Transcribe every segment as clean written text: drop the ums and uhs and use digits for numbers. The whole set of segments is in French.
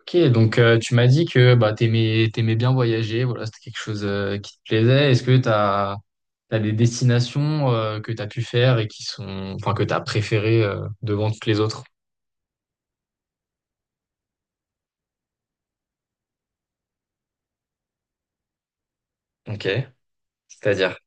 Ok, donc tu m'as dit que t'aimais bien voyager, voilà, c'était quelque chose qui te plaisait. Est-ce que t'as des destinations que t'as pu faire et qui sont, enfin, que t'as préférées devant toutes les autres? Ok, c'est-à-dire?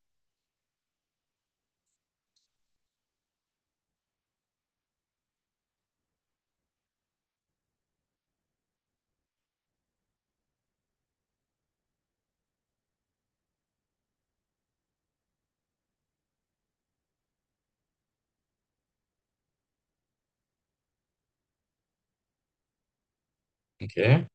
Ok.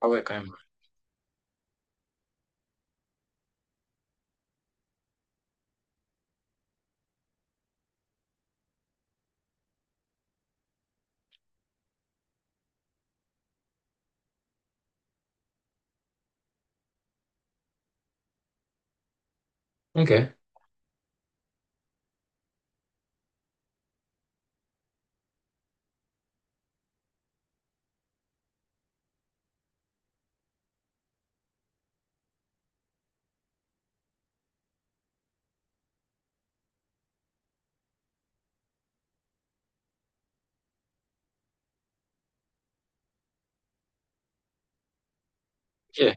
Ah ouais, quand même. Ok. Ok.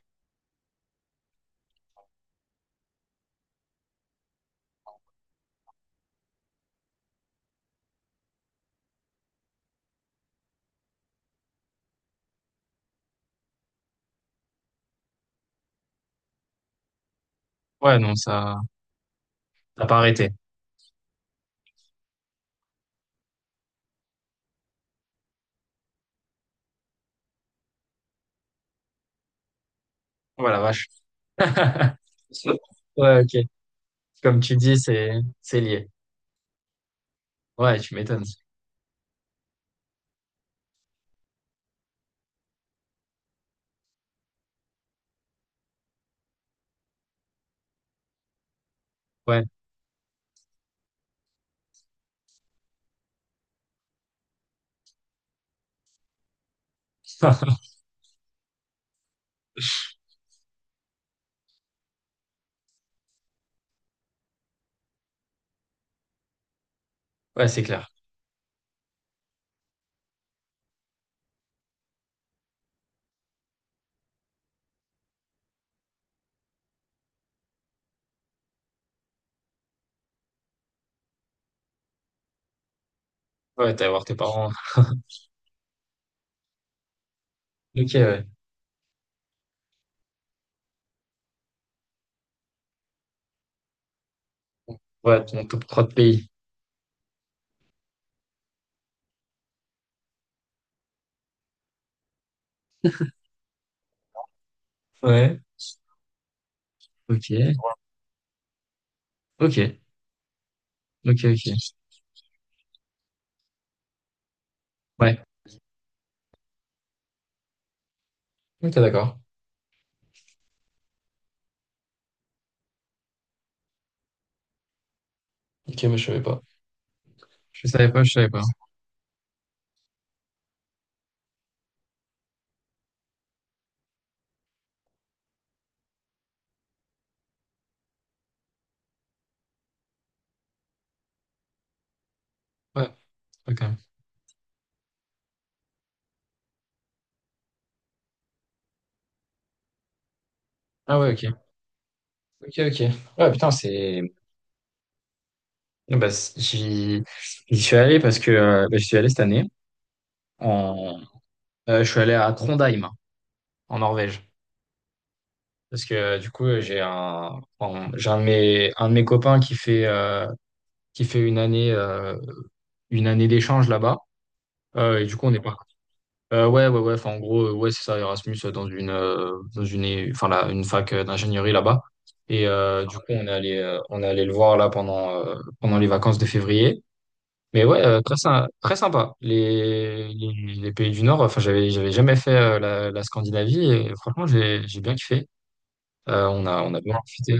Ouais, non, ça, t'as pas arrêté. Oh la vache. Ouais, ok. Comme tu dis, c'est lié. Ouais, tu m'étonnes. Ouais. Ouais, c'est clair. Ouais, t'as à voir tes parents. Ok, ouais. Ouais, ton top 3 de pays. Ouais. Ok. Ok, ok, ok. Ouais, ok, d'accord. Ok, mais je savais pas. Je savais pas, je savais pas. Ouais, ok. Ah ouais, ok. Ok, ok. Ouais, putain, c'est... Non, bah, j'y suis allé parce que... j'y suis allé cette année. En... je suis allé à Trondheim, en Norvège. Parce que du coup, j'ai un de un de mes copains qui qui fait une une année d'échange là-bas. Et du coup, on est parti. Ouais, ouais, ouais. Enfin, en gros, ouais, c'est ça, Erasmus enfin, une fac d'ingénierie là-bas. Et du coup, on est allé le voir là pendant les vacances de février. Mais ouais, très sympa. Les pays du Nord. Enfin, j'avais jamais fait la Scandinavie et franchement, j'ai bien kiffé. On a bien profité.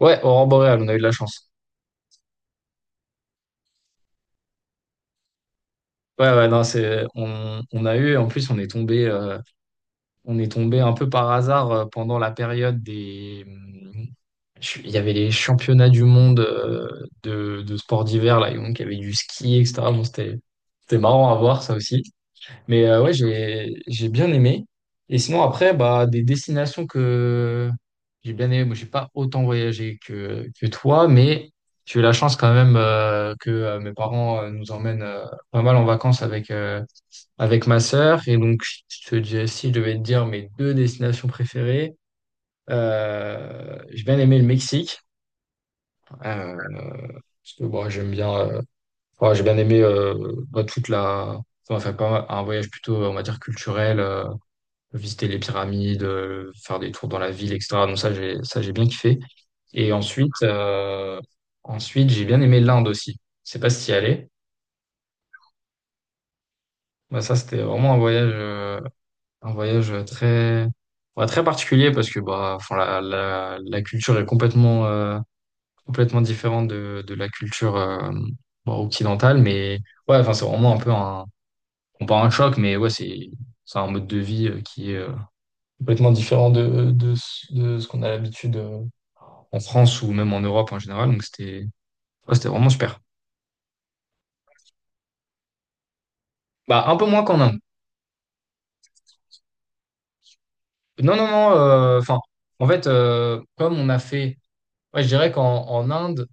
Ouais, aurore boréale, on a eu de la chance. Ouais, ouais, non, c'est, on a eu. En plus, on est tombé un peu par hasard pendant la période des… Il y avait les championnats du monde de sports d'hiver, là, et donc il y avait du ski, etc. Bon, c'était marrant à voir, ça aussi. Mais ouais, j'ai bien aimé. Et sinon, après, bah, des destinations que j'ai bien aimé. Moi, j'ai pas autant voyagé que toi, mais j'ai eu la chance quand même que mes parents nous emmènent pas mal en vacances avec ma sœur. Et donc, je te dis, si je devais te dire mes deux destinations préférées, j'ai bien aimé le Mexique. Euh, Parce que bon, j'aime enfin, j'ai bien aimé bah, toute la… Enfin, faire pas un voyage plutôt, on va dire, culturel, visiter les pyramides, faire des tours dans la ville, etc. Donc ça, j'ai bien kiffé. Et ensuite, euh, ensuite, j'ai bien aimé l'Inde aussi. Je sais pas si y allais. Bah, ça, c'était vraiment un voyage, un ouais, très particulier parce que bah, enfin, la culture est complètement, complètement différent de la culture bon, occidentale, mais ouais, enfin, c'est vraiment un peu un, on pas un choc, mais ouais, c'est un mode de vie qui est complètement différent de ce qu'on a l'habitude en France ou même en Europe en général, donc c'était ouais, c'était vraiment super. Bah, un peu moins qu'en Inde. Non, non, non, enfin, en fait, comme on a fait, ouais, je dirais qu'en en Inde,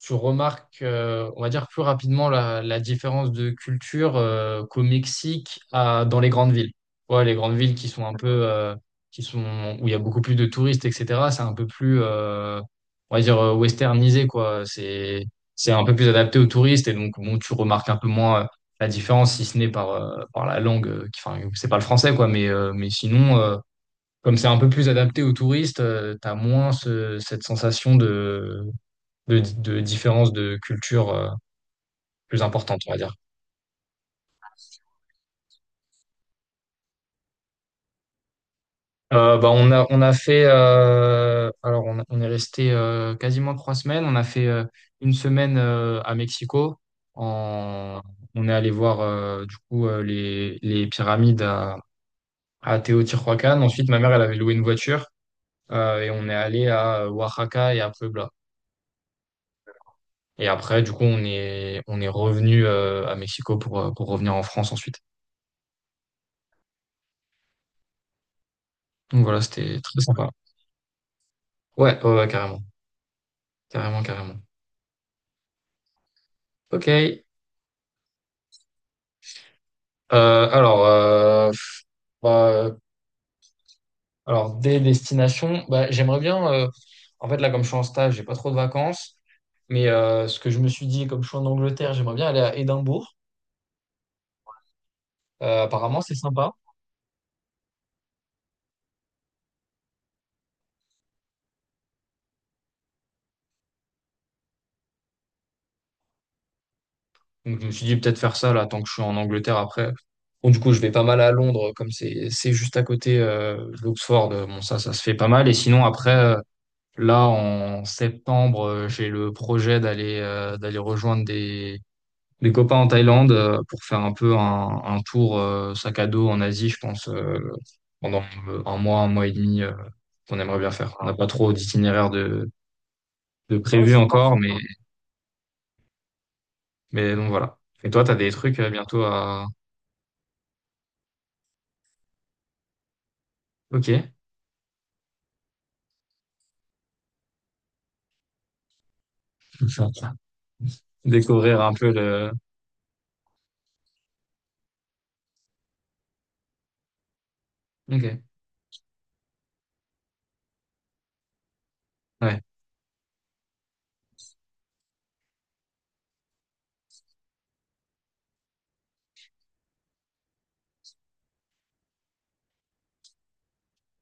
on va dire, plus rapidement la différence de culture qu'au Mexique à, dans les grandes villes. Ouais, les grandes villes qui sont un peu, qui sont, où il y a beaucoup plus de touristes, etc., c'est un peu plus, on va dire, westernisé, quoi. C'est un peu plus adapté aux touristes et donc, bon, tu remarques un peu moins la différence, si ce n'est par, par la langue, qui, enfin, c'est pas le français, quoi, mais sinon, comme c'est un peu plus adapté aux touristes, tu as moins cette sensation de de différences de culture plus importantes, on va dire. Bah, on a fait, alors on est resté quasiment trois semaines. On a fait une semaine à Mexico. En, on est allé voir du coup les pyramides à Teotihuacan. Ensuite, ma mère, elle avait loué une voiture et on est allé à Oaxaca et à Puebla. Et après, du coup, on est revenu à Mexico pour revenir en France ensuite. Donc voilà, c'était très sympa. Ouais, ouais, ouais, carrément. Carrément, carrément. Ok. Alors, euh, bah, euh, alors, des destinations, bah, j'aimerais bien. En fait, là, comme je suis en stage, j'ai pas trop de vacances. Mais ce que je me suis dit, comme je suis en Angleterre, j'aimerais bien aller à Édimbourg. Apparemment, c'est sympa. Donc, je me suis dit peut-être faire ça là, tant que je suis en Angleterre après. Bon, du coup, je vais pas mal à Londres, comme c'est juste à côté d'Oxford. Bon, ça se fait pas mal. Et sinon, après, là, en septembre, j'ai le projet d'aller d'aller rejoindre des copains en Thaïlande pour faire un peu un tour sac à dos en Asie, je pense, pendant un mois et demi, qu'on aimerait bien faire. On n'a pas trop d'itinéraire de ouais, prévu sympa. Encore, mais, sympa. Mais donc voilà. Et toi, t'as des trucs bientôt à... Ok. Découvrir un peu le... Ok. Ouais.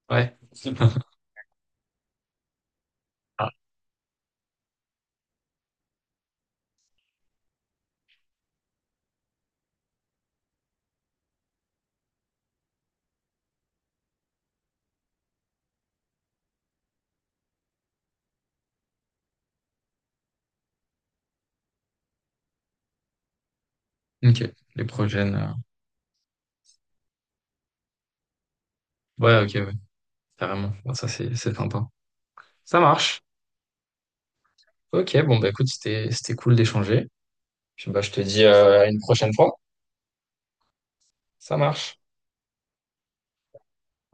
Ouais. Ah, ok. Les prochaines... ouais, ok, ouais. Carrément. Bon, ça, c'est sympa. Ça marche. Ok, bon, bah écoute, c'était cool d'échanger. Puis bah, je te dis à une prochaine fois. Ça marche.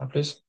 À plus.